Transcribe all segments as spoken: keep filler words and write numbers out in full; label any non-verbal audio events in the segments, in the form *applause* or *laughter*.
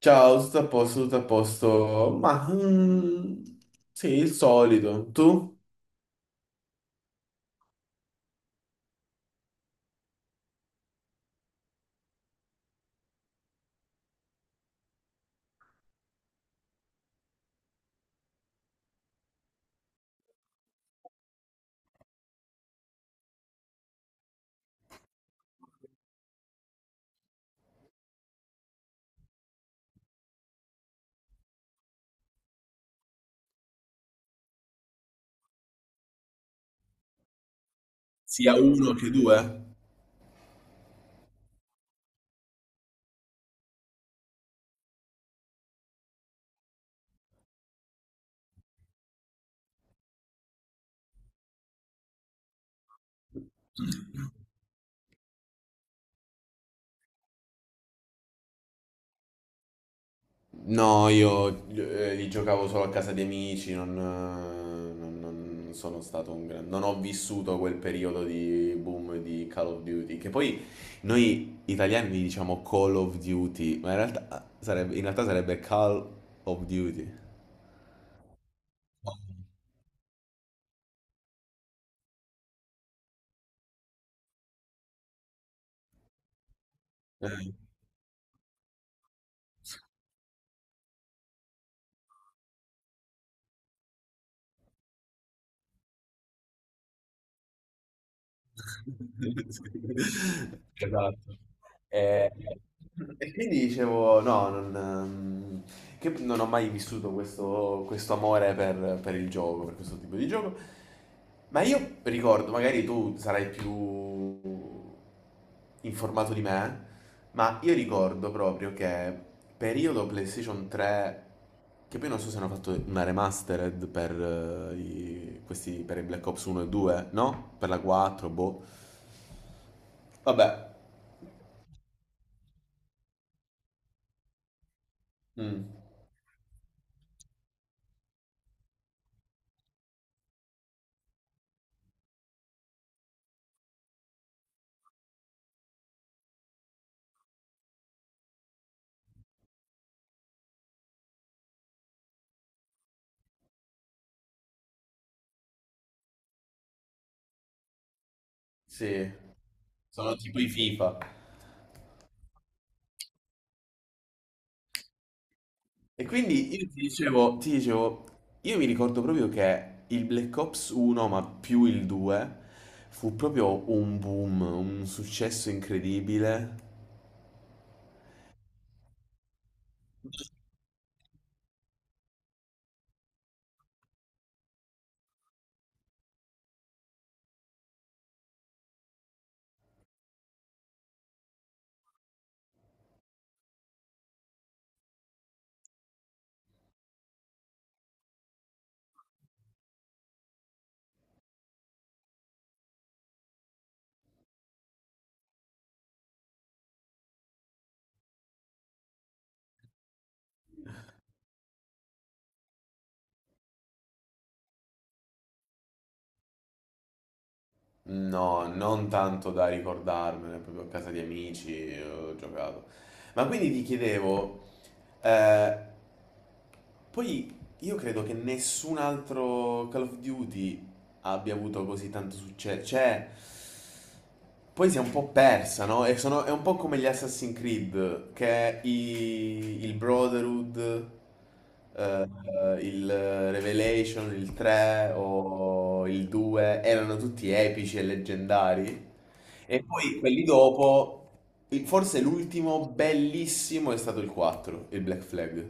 Ciao, tutto a posto, tutto a posto. Ma mm, sì, il solito. Tu? Sia uno che due? No, io eh, li giocavo solo a casa di amici, non, eh, non- non sono stato un grande... Non ho vissuto quel periodo di boom di Call of Duty, che poi noi italiani li diciamo Call of Duty, ma in realtà sarebbe, in realtà sarebbe Call of Duty. *laughs* Esatto. E E quindi dicevo, no, non, ehm, che non ho mai vissuto questo, questo amore per, per il gioco, per questo tipo di gioco. Ma io ricordo, magari tu sarai più informato di me, ma io ricordo proprio che periodo PlayStation tre, che poi non so se hanno fatto una remastered per, eh, i, questi, per i Black Ops uno e due, no? Per la quattro, boh. Vabbè, mm, sì, sono tipo i FIFA. E quindi io ti dicevo, ti dicevo, io mi ricordo proprio che il Black Ops uno, ma più il due, fu proprio un boom, un successo incredibile. No, non tanto da ricordarmene, proprio a casa di amici ho giocato. Ma quindi ti chiedevo, eh, poi io credo che nessun altro Call of Duty abbia avuto così tanto successo. Cioè, poi si è un po' persa, no? E sono- è un po' come gli Assassin's Creed, che i- il Brotherhood, eh, il Revelation, il tre o il due erano tutti epici e leggendari. E poi quelli dopo, il- forse l'ultimo bellissimo è stato il quattro, il Black Flag.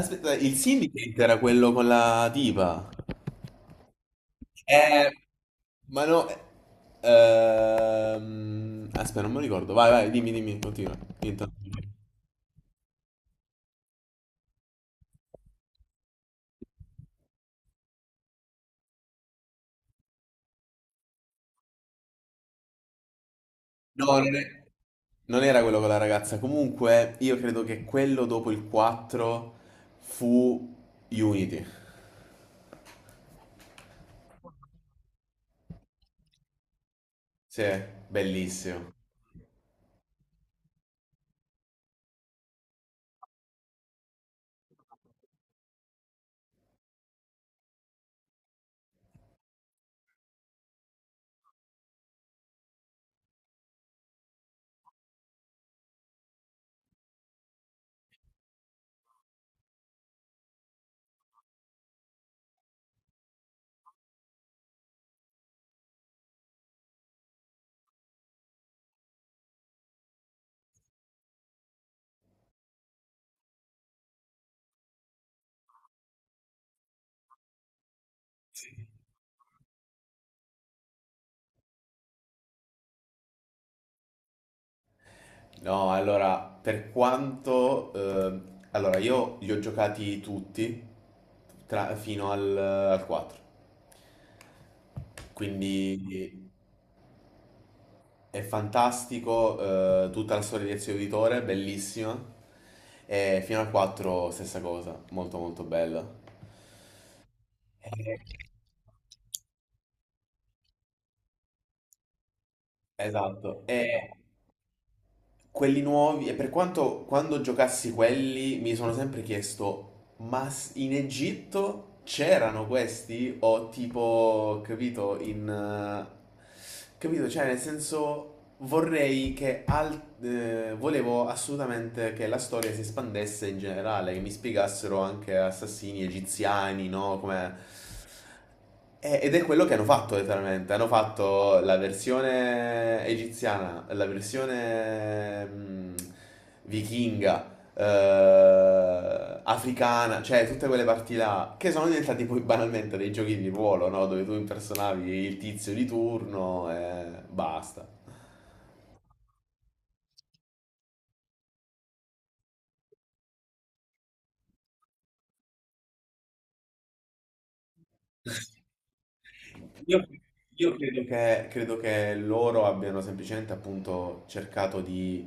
Aspetta, il Syndicate era quello con la diva. Eh, ma no. Ehm, aspetta, non me lo ricordo. Vai, vai, dimmi, dimmi, continua. Intanto. No, non è- non era quello con la ragazza. Comunque, io credo che quello dopo il quattro fu Unity. Sì, bellissimo. No, allora, per quanto... eh, allora, io li ho giocati tutti tra- fino al, al quattro. Quindi è fantastico, eh, tutta la storia di Ezio Auditore, bellissima. E fino al quattro stessa cosa, molto molto bella. Eh, Esatto. E Quelli nuovi, e per quanto quando giocassi quelli mi sono sempre chiesto, ma s- in Egitto c'erano questi? O tipo, capito, in... eh, capito, cioè nel senso vorrei che... al- eh, volevo assolutamente che la storia si espandesse in generale, che mi spiegassero anche assassini egiziani, no? Come eh, ed è quello che hanno fatto letteralmente, hanno fatto la versione egiziana, la versione mm, vichinga, eh, africana, cioè tutte quelle parti là, che sono diventati poi banalmente dei giochi di ruolo, no? Dove tu impersonavi il tizio di turno e basta. Credo che, credo che loro abbiano semplicemente appunto cercato di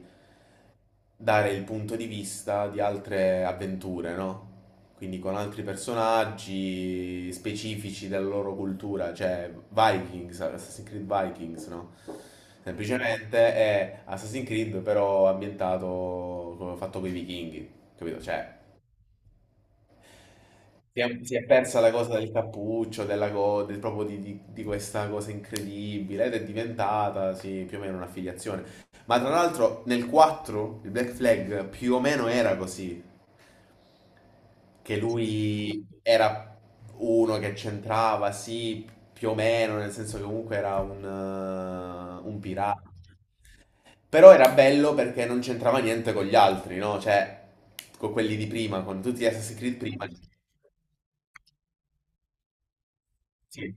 dare il punto di vista di altre avventure, no? Quindi con altri personaggi specifici della loro cultura, cioè Vikings, Assassin's Creed Vikings, no? Semplicemente è Assassin's Creed però ambientato come fatto con i vichinghi, capito? Cioè, si è, si è persa la cosa del cappuccio, della co- del- proprio di, di- di questa cosa incredibile ed è diventata, sì, più o meno un'affiliazione. Ma tra l'altro nel quattro il Black Flag più o meno era così, che lui era uno che c'entrava, sì, più o meno, nel senso che comunque era un, eh, un pirata. Però era bello perché non c'entrava niente con gli altri, no? Cioè, con quelli di prima, con tutti gli Assassin's Creed prima. Sì.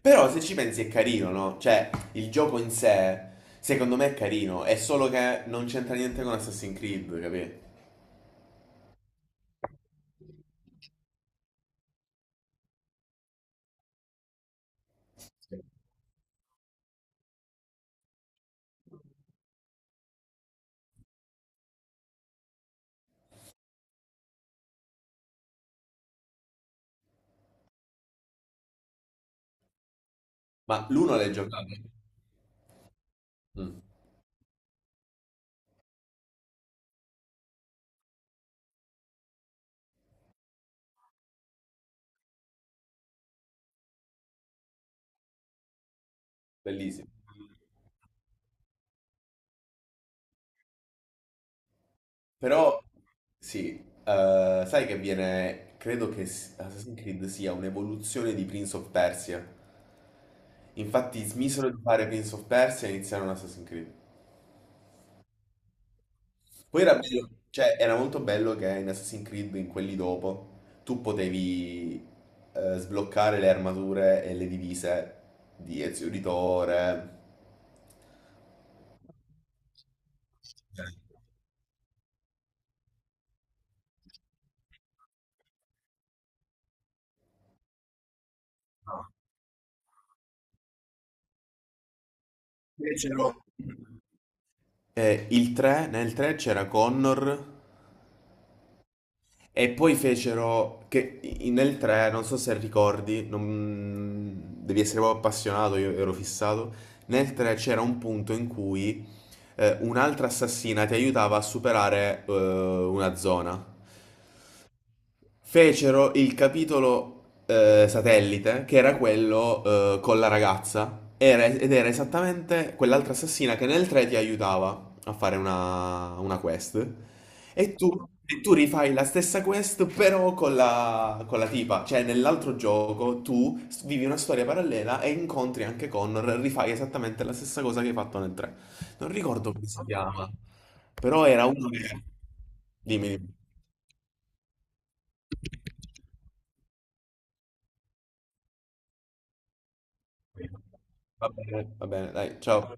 Però se ci pensi è carino, no? Cioè, il gioco in sé, secondo me è carino, è solo che non c'entra niente con Assassin's Creed, capì? Ma l'uno l'hai giocato? Mm, bellissimo. Però sì, eh, sai che viene, credo che s- Assassin's Creed sia un'evoluzione di Prince of Persia. Infatti smisero di fare Prince of Persia e iniziarono Assassin's Creed. Poi era bello, cioè era molto bello che in Assassin's Creed, in quelli dopo, tu potevi eh, sbloccare le armature e le divise di Ezio Auditore. Invece no. Eh, il tre, nel tre c'era Connor. E poi fecero che i- nel tre, non so se ricordi, non- devi essere proprio appassionato, io ero fissato. Nel tre c'era un punto in cui eh, un'altra assassina ti aiutava a superare eh, una zona. Fecero il capitolo eh, satellite, che era quello eh, con la ragazza. Era- ed era esattamente quell'altra assassina che nel tre ti aiutava a fare una, una quest. E tu, e tu rifai la stessa quest però con la, con la tipa, cioè nell'altro gioco tu s- vivi una storia parallela e incontri anche Connor, rifai esattamente la stessa cosa che hai fatto nel tre. Non ricordo come si chiama, però era uno che... Dimmi, dimmi. Va bene, va bene, dai, ciao.